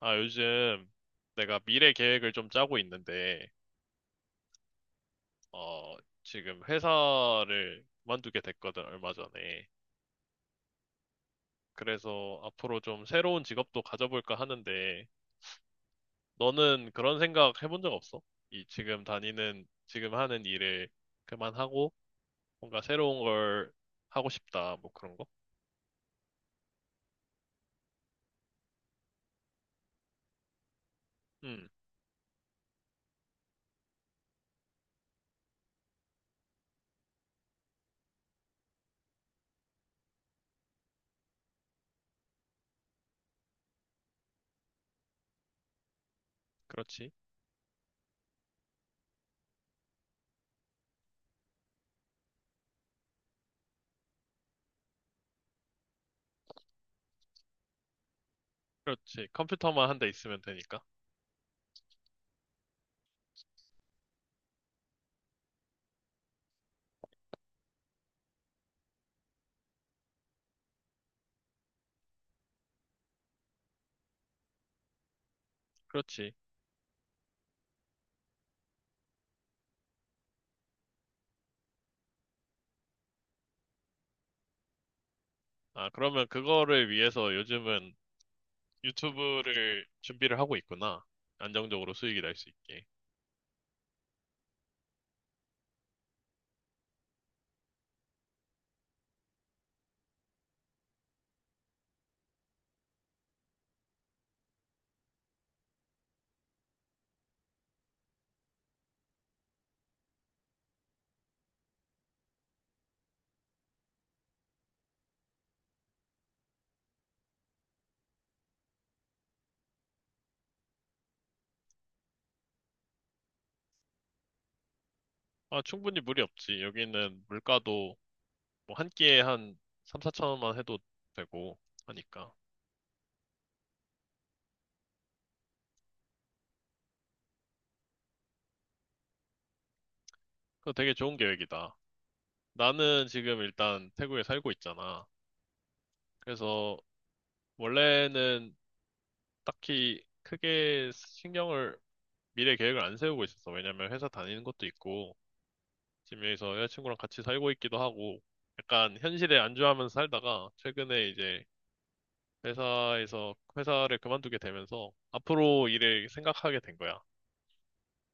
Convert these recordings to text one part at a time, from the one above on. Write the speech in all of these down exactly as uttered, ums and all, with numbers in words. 아, 요즘 내가 미래 계획을 좀 짜고 있는데, 어, 지금 회사를 그만두게 됐거든, 얼마 전에. 그래서 앞으로 좀 새로운 직업도 가져볼까 하는데, 너는 그런 생각 해본 적 없어? 이 지금 다니는, 지금 하는 일을 그만하고, 뭔가 새로운 걸 하고 싶다, 뭐 그런 거? 음, 그렇지. 그렇지. 컴퓨터만 한 대 있으면 되니까. 그렇지. 아, 그러면 그거를 위해서 요즘은 유튜브를 준비를 하고 있구나. 안정적으로 수익이 날 수 있게. 아, 충분히 무리 없지. 여기는 물가도 뭐 한 끼에 한 삼, 사천 원만 해도 되고 하니까. 그거 되게 좋은 계획이다. 나는 지금 일단 태국에 살고 있잖아. 그래서 원래는 딱히 크게 신경을 미래 계획을 안 세우고 있었어. 왜냐면 회사 다니는 것도 있고 지금 여기서 여자친구랑 같이 살고 있기도 하고 약간 현실에 안주하면서 살다가 최근에 이제 회사에서 회사를 그만두게 되면서 앞으로 일을 생각하게 된 거야.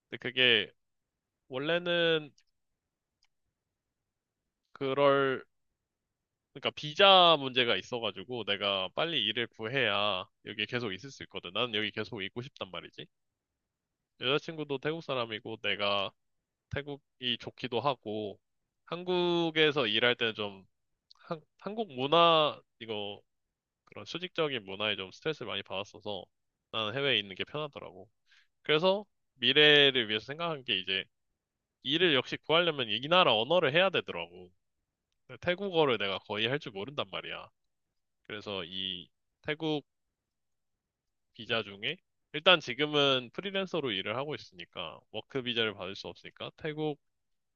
근데 그게 원래는 그럴 그러니까 비자 문제가 있어가지고 내가 빨리 일을 구해야 여기 계속 있을 수 있거든. 나는 여기 계속 있고 싶단 말이지. 여자친구도 태국 사람이고 내가 태국이 좋기도 하고 한국에서 일할 때는 좀 한, 한국 문화 이거 그런 수직적인 문화에 좀 스트레스를 많이 받았어서 나는 해외에 있는 게 편하더라고. 그래서 미래를 위해서 생각한 게 이제 일을 역시 구하려면 이 나라 언어를 해야 되더라고. 근데 태국어를 내가 거의 할 줄 모른단 말이야. 그래서 이 태국 비자 중에 일단 지금은 프리랜서로 일을 하고 있으니까 워크 비자를 받을 수 없으니까 태국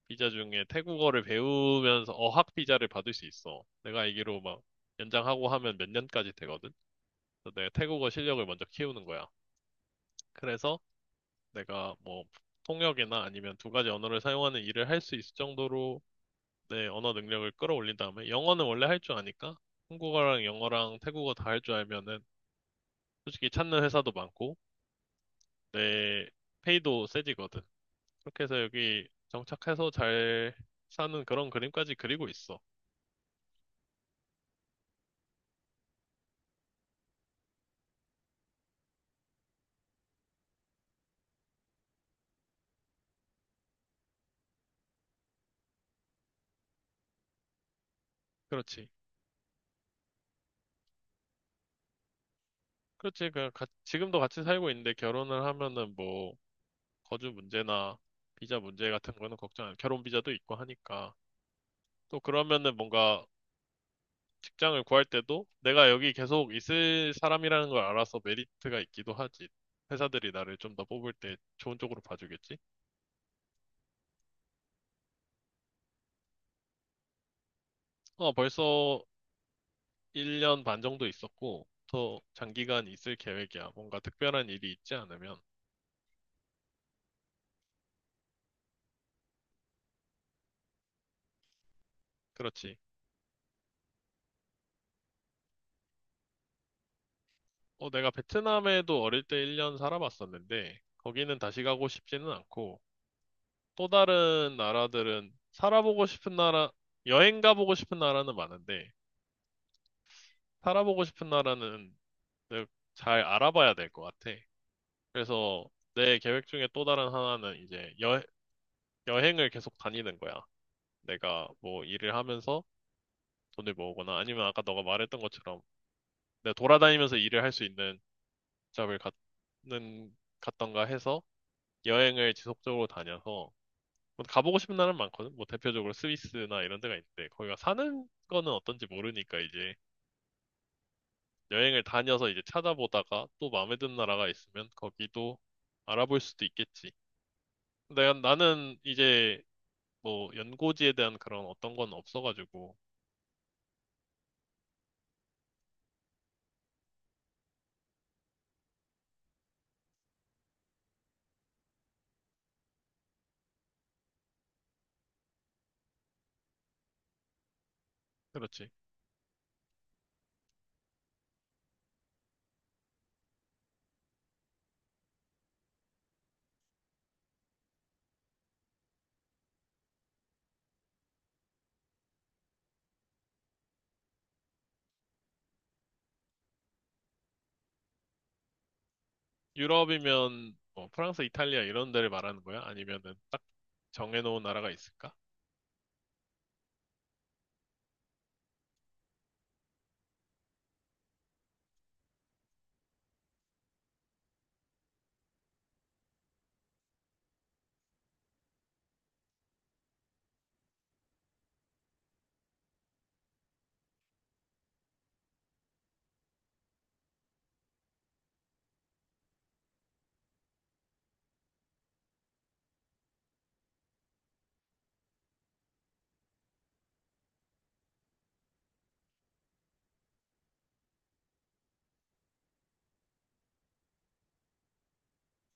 비자 중에 태국어를 배우면서 어학 비자를 받을 수 있어. 내가 알기로 막 연장하고 하면 몇 년까지 되거든. 그래서 내가 태국어 실력을 먼저 키우는 거야. 그래서 내가 뭐 통역이나 아니면 두 가지 언어를 사용하는 일을 할 수 있을 정도로 내 언어 능력을 끌어올린 다음에 영어는 원래 할 줄 아니까 한국어랑 영어랑 태국어 다 할 줄 알면은 솔직히 찾는 회사도 많고 내 페이도 세지거든. 그렇게 해서 여기 정착해서 잘 사는 그런 그림까지 그리고 있어. 그렇지. 그렇지. 그 가- 지금도 같이 살고 있는데 결혼을 하면은 뭐 거주 문제나 비자 문제 같은 거는 걱정 안. 결혼 비자도 있고 하니까. 또 그러면은 뭔가 직장을 구할 때도 내가 여기 계속 있을 사람이라는 걸 알아서 메리트가 있기도 하지. 회사들이 나를 좀 더 뽑을 때 좋은 쪽으로 봐주겠지? 어, 벌써 일 년 반 정도 있었고, 더 장기간 있을 계획이야. 뭔가 특별한 일이 있지 않으면. 그렇지. 어, 내가 베트남에도 어릴 때 일 년 살아봤었는데, 거기는 다시 가고 싶지는 않고, 또 다른 나라들은 살아보고 싶은 나라, 여행 가보고 싶은 나라는 많은데, 살아보고 싶은 나라는 근데 잘 알아봐야 될 것 같아. 그래서 내 계획 중에 또 다른 하나는 이제 여, 여행을 계속 다니는 거야. 내가 뭐 일을 하면서 돈을 모으거나 아니면 아까 너가 말했던 것처럼 내가 돌아다니면서 일을 할 수 있는 잡을 갖는, 갖던가 해서 여행을 지속적으로 다녀서 뭐 가보고 싶은 나라는 많거든. 뭐 대표적으로 스위스나 이런 데가 있는데 거기가 사는 거는 어떤지 모르니까 이제 여행을 다녀서 이제 찾아보다가 또 마음에 드는 나라가 있으면 거기도 알아볼 수도 있겠지. 내가 나는 이제 뭐 연고지에 대한 그런 어떤 건 없어가지고 그렇지. 유럽이면 뭐 프랑스, 이탈리아 이런 데를 말하는 거야? 아니면은 딱 정해놓은 나라가 있을까?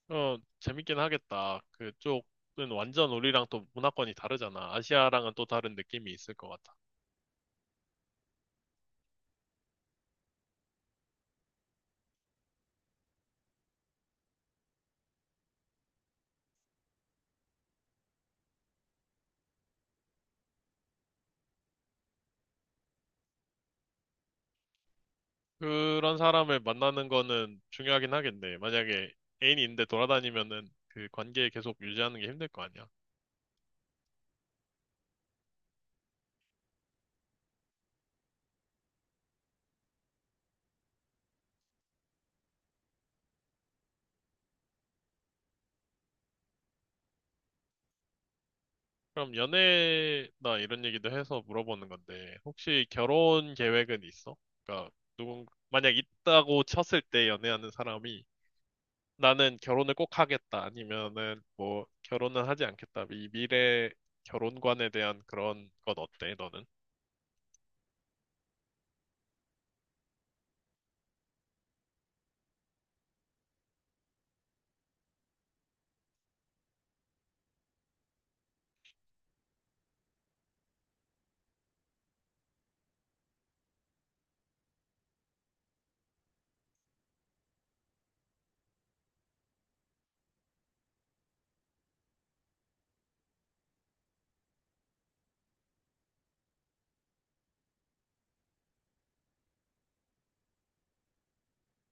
어, 재밌긴 하겠다. 그쪽은 완전 우리랑 또 문화권이 다르잖아. 아시아랑은 또 다른 느낌이 있을 것 같아. 그런 사람을 만나는 거는 중요하긴 하겠네. 만약에 애인이 있는데 돌아다니면은 그 관계 계속 유지하는 게 힘들 거 아니야. 그럼 연애나 이런 얘기도 해서 물어보는 건데, 혹시 결혼 계획은 있어? 그러니까 누군 만약 있다고 쳤을 때 연애하는 사람이 나는 결혼을 꼭 하겠다 아니면은 뭐 결혼은 하지 않겠다. 이 미래 결혼관에 대한 그런 건 어때, 너는?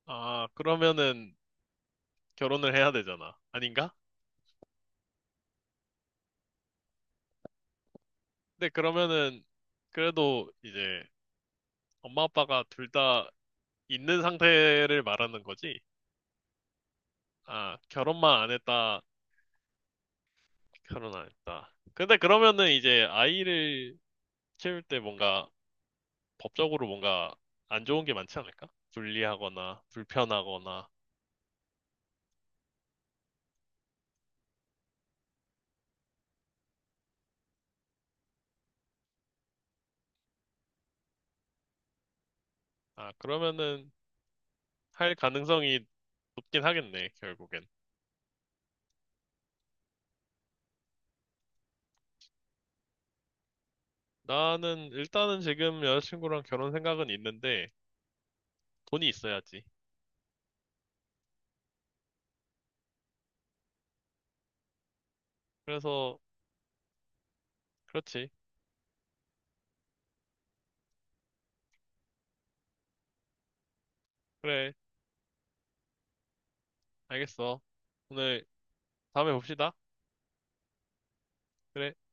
아, 그러면은 결혼을 해야 되잖아. 아닌가? 근데 그러면은 그래도 이제 엄마 아빠가 둘 다 있는 상태를 말하는 거지? 아, 결혼만 안 했다. 결혼 안 했다. 근데 그러면은 이제 아이를 키울 때 뭔가 법적으로 뭔가 안 좋은 게 많지 않을까? 불리하거나 불편하거나. 아, 그러면은 할 가능성이 높긴 하겠네, 결국엔. 나는 일단은 지금 여자친구랑 결혼 생각은 있는데 돈이 있어야지. 그래서 그렇지. 그래, 알겠어. 오늘 다음에 봅시다. 그래.